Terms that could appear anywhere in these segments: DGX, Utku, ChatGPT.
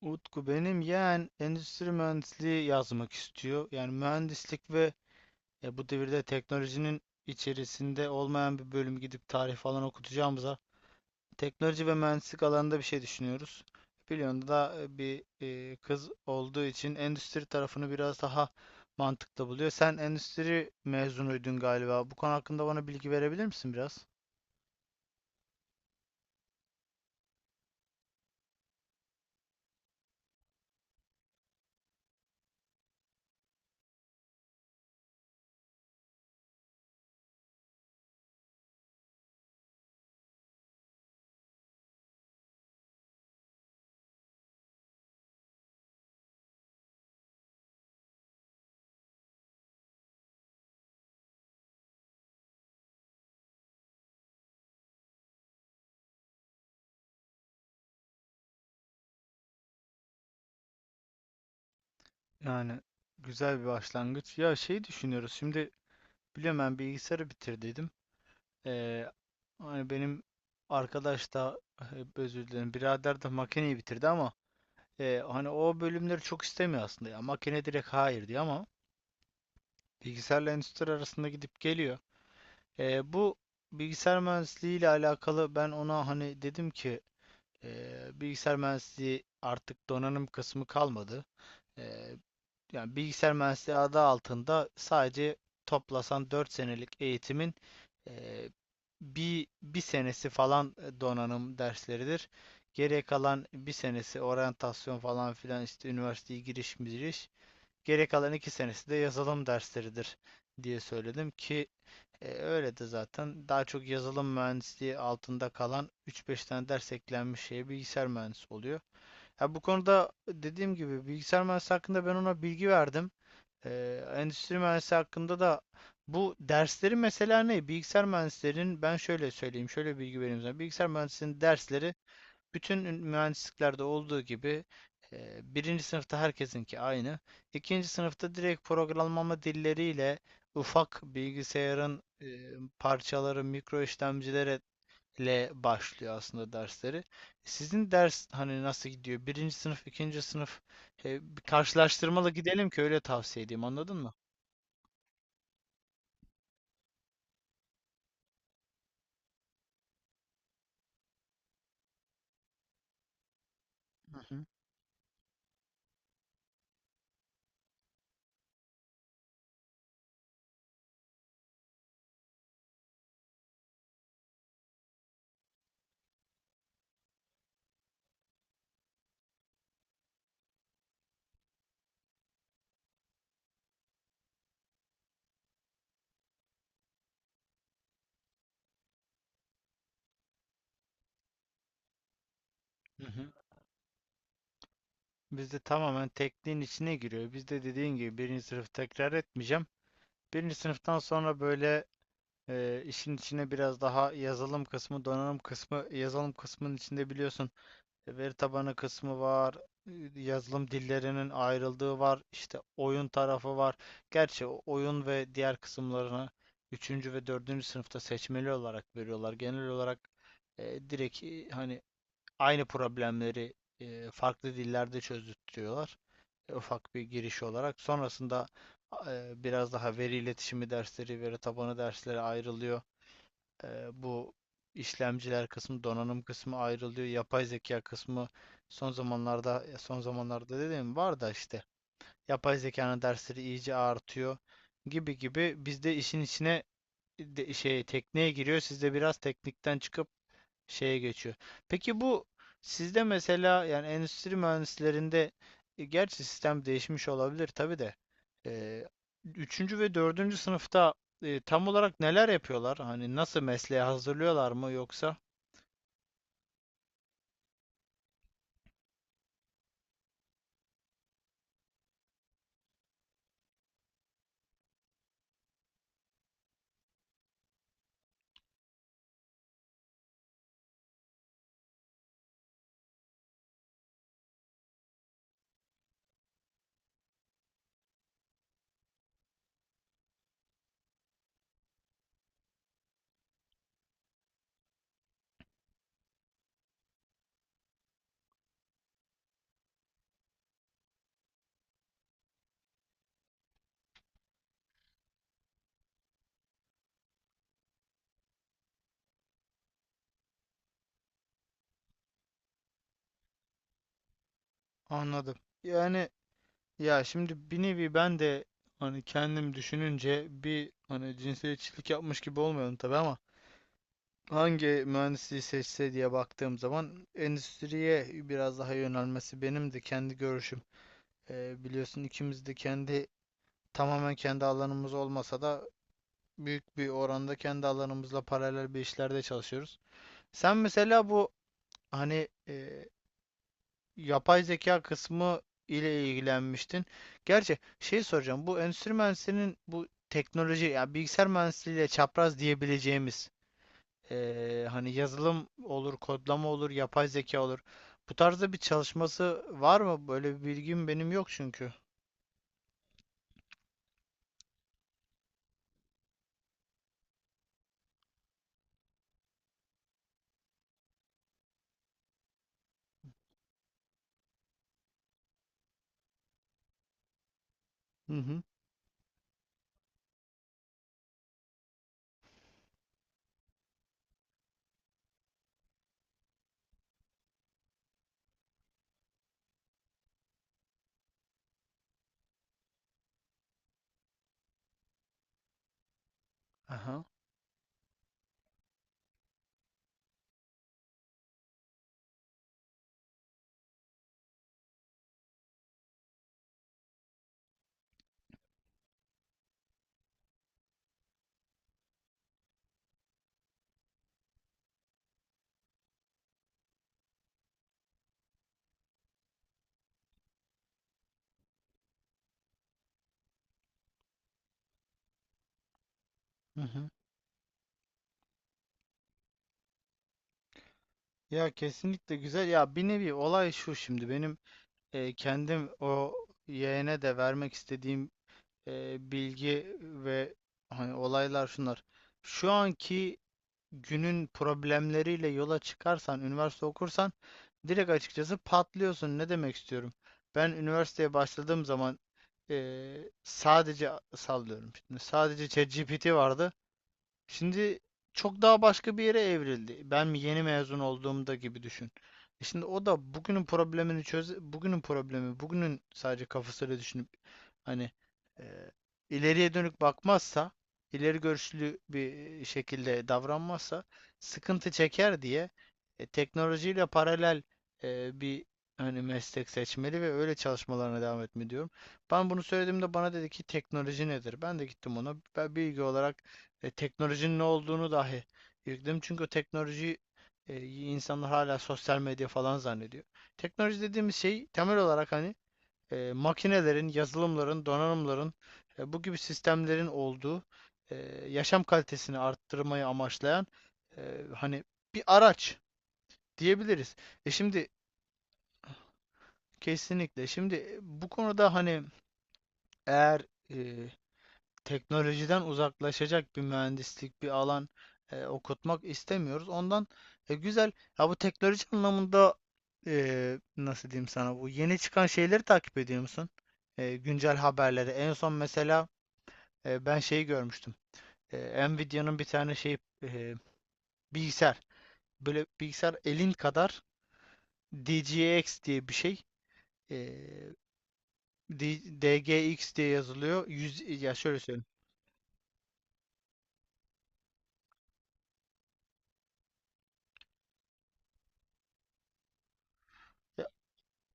Utku benim yeğen endüstri mühendisliği yazmak istiyor. Yani mühendislik ve ya bu devirde teknolojinin içerisinde olmayan bir bölüm gidip tarih falan okutacağımıza teknoloji ve mühendislik alanında bir şey düşünüyoruz. Biliyorsun da bir kız olduğu için endüstri tarafını biraz daha mantıklı buluyor. Sen endüstri mezunuydun galiba. Bu konu hakkında bana bilgi verebilir misin biraz? Yani güzel bir başlangıç. Ya şey düşünüyoruz. Şimdi biliyorum ben bilgisayarı bitirdiydim. Ee, Hani benim arkadaş da hep özür dilerim birader de makineyi bitirdi ama hani o bölümleri çok istemiyor aslında ya makine direkt hayır diyor ama bilgisayarla endüstri arasında gidip geliyor. Bu bilgisayar mühendisliği ile alakalı ben ona hani dedim ki bilgisayar mühendisliği artık donanım kısmı kalmadı. E, Yani bilgisayar mühendisliği adı altında sadece toplasan 4 senelik eğitimin eee, bir senesi falan donanım dersleridir. Geriye kalan bir senesi oryantasyon falan filan işte üniversiteye giriş giriş. Geriye kalan iki senesi de yazılım dersleridir diye söyledim ki öyle de zaten daha çok yazılım mühendisliği altında kalan üç beş tane ders eklenmiş şeye bilgisayar mühendisi oluyor. Ha, bu konuda dediğim gibi bilgisayar mühendisi hakkında ben ona bilgi verdim. Endüstri mühendisi hakkında da bu dersleri mesela ne? Bilgisayar mühendislerinin ben şöyle söyleyeyim, şöyle bilgi vereyim sana. Bilgisayar mühendisinin dersleri bütün mühendisliklerde olduğu gibi birinci sınıfta herkesinki aynı. İkinci sınıfta direkt programlama dilleriyle ufak bilgisayarın parçaları, mikro işlemcilerle başlıyor aslında dersleri. Sizin ders hani nasıl gidiyor? Birinci sınıf, ikinci sınıf bir karşılaştırmalı gidelim ki öyle tavsiye edeyim. Anladın mı? Hı hı, hı hı. Bizde tamamen tekniğin içine giriyor. Bizde dediğin gibi birinci sınıf tekrar etmeyeceğim. Birinci sınıftan sonra böyle işin içine biraz daha yazılım kısmı, donanım kısmı, yazılım kısmının içinde biliyorsun veri tabanı kısmı var, yazılım dillerinin ayrıldığı var, işte oyun tarafı var. Gerçi oyun ve diğer kısımlarını üçüncü ve dördüncü sınıfta seçmeli olarak veriyorlar. Genel olarak direkt hani aynı problemleri farklı dillerde çözdürtüyorlar. Ufak bir giriş olarak. Sonrasında biraz daha veri iletişimi dersleri, veri tabanı dersleri ayrılıyor. E, Bu işlemciler kısmı, donanım kısmı ayrılıyor. Yapay zeka kısmı son zamanlarda, son zamanlarda dediğim var da işte yapay zekanın dersleri iyice artıyor gibi gibi biz de işin içine de, şey tekneye giriyor. Siz de biraz teknikten çıkıp şeye geçiyor. Peki bu sizde mesela yani endüstri mühendislerinde gerçi sistem değişmiş olabilir tabii de e, üçüncü ve dördüncü sınıfta tam olarak neler yapıyorlar? Hani nasıl mesleğe hazırlıyorlar mı yoksa? Anladım. Yani ya şimdi bir nevi ben de hani kendim düşününce bir hani cinsiyetçilik yapmış gibi olmayalım tabii ama hangi mühendisliği seçse diye baktığım zaman endüstriye biraz daha yönelmesi benim de kendi görüşüm. Biliyorsun ikimiz de kendi tamamen kendi alanımız olmasa da büyük bir oranda kendi alanımızla paralel bir işlerde çalışıyoruz. Sen mesela bu hani yapay zeka kısmı ile ilgilenmiştin. Gerçi şey soracağım bu endüstri mühendisliğinin bu teknoloji ya bilgisayar mühendisliğiyle çapraz diyebileceğimiz hani yazılım olur, kodlama olur, yapay zeka olur. Bu tarzda bir çalışması var mı? Böyle bir bilgim benim yok çünkü. Hı hı. Aha. Hı hı. Ya kesinlikle güzel. Ya bir nevi olay şu şimdi benim kendim o yeğene de vermek istediğim bilgi ve hani olaylar şunlar. Şu anki günün problemleriyle yola çıkarsan, üniversite okursan direkt açıkçası patlıyorsun. Ne demek istiyorum? Ben üniversiteye başladığım zaman e, sadece sallıyorum. Şimdi sadece ChatGPT vardı. Şimdi çok daha başka bir yere evrildi. Ben mi yeni mezun olduğumda gibi düşün. Şimdi o da bugünün problemini çöz, bugünün problemi, bugünün sadece kafasıyla düşünüp hani e, ileriye dönük bakmazsa, ileri görüşlü bir şekilde davranmazsa sıkıntı çeker diye teknolojiyle paralel bir hani meslek seçmeli ve öyle çalışmalarına devam etme diyorum. Ben bunu söylediğimde bana dedi ki teknoloji nedir? Ben de gittim ona. Ben bilgi olarak teknolojinin ne olduğunu dahi irkeledim. Çünkü o teknolojiyi insanlar hala sosyal medya falan zannediyor. Teknoloji dediğimiz şey temel olarak hani makinelerin, yazılımların, donanımların bu gibi sistemlerin olduğu e, yaşam kalitesini arttırmayı amaçlayan e, hani bir araç diyebiliriz. Şimdi kesinlikle. Şimdi bu konuda hani eğer e, teknolojiden uzaklaşacak bir mühendislik bir alan okutmak istemiyoruz. Ondan güzel. Ya bu teknoloji anlamında nasıl diyeyim sana bu yeni çıkan şeyleri takip ediyor musun? Güncel haberleri. En son mesela ben şeyi görmüştüm. Nvidia'nın bir tane şey e, bilgisayar. Böyle bilgisayar elin kadar DGX diye bir şey. E, DGX diye yazılıyor. 100, ya şöyle söyleyeyim.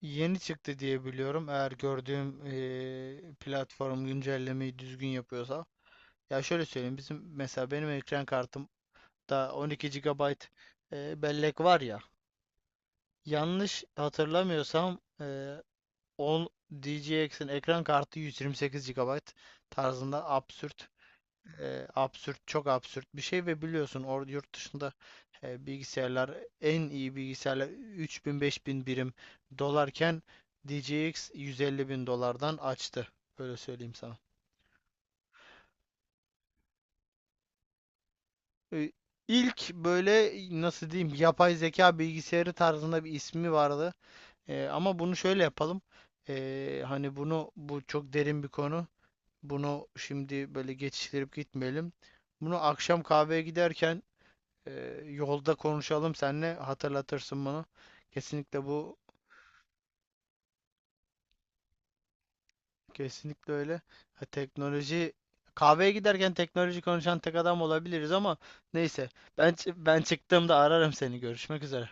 Yeni çıktı diye biliyorum. Eğer gördüğüm platform güncellemeyi düzgün yapıyorsa. Ya şöyle söyleyeyim. Bizim mesela benim ekran kartımda 12 GB bellek var ya. Yanlış hatırlamıyorsam 10 DGX'in ekran kartı 128 GB tarzında absürt absürt, çok absürt bir şey ve biliyorsun orada yurt dışında bilgisayarlar en iyi bilgisayarlar 3000 bin beş bin birim dolarken D J DJX 150 bin dolardan açtı. Böyle söyleyeyim sana. E, İlk böyle nasıl diyeyim yapay zeka bilgisayarı tarzında bir ismi vardı. Ama bunu şöyle yapalım. Hani bunu bu çok derin bir konu. Bunu şimdi böyle geçiştirip gitmeyelim. Bunu akşam kahveye giderken yolda konuşalım seninle hatırlatırsın bunu. Kesinlikle bu kesinlikle öyle. Ha, teknoloji kahveye giderken teknoloji konuşan tek adam olabiliriz ama neyse ben ben çıktığımda ararım seni. Görüşmek üzere.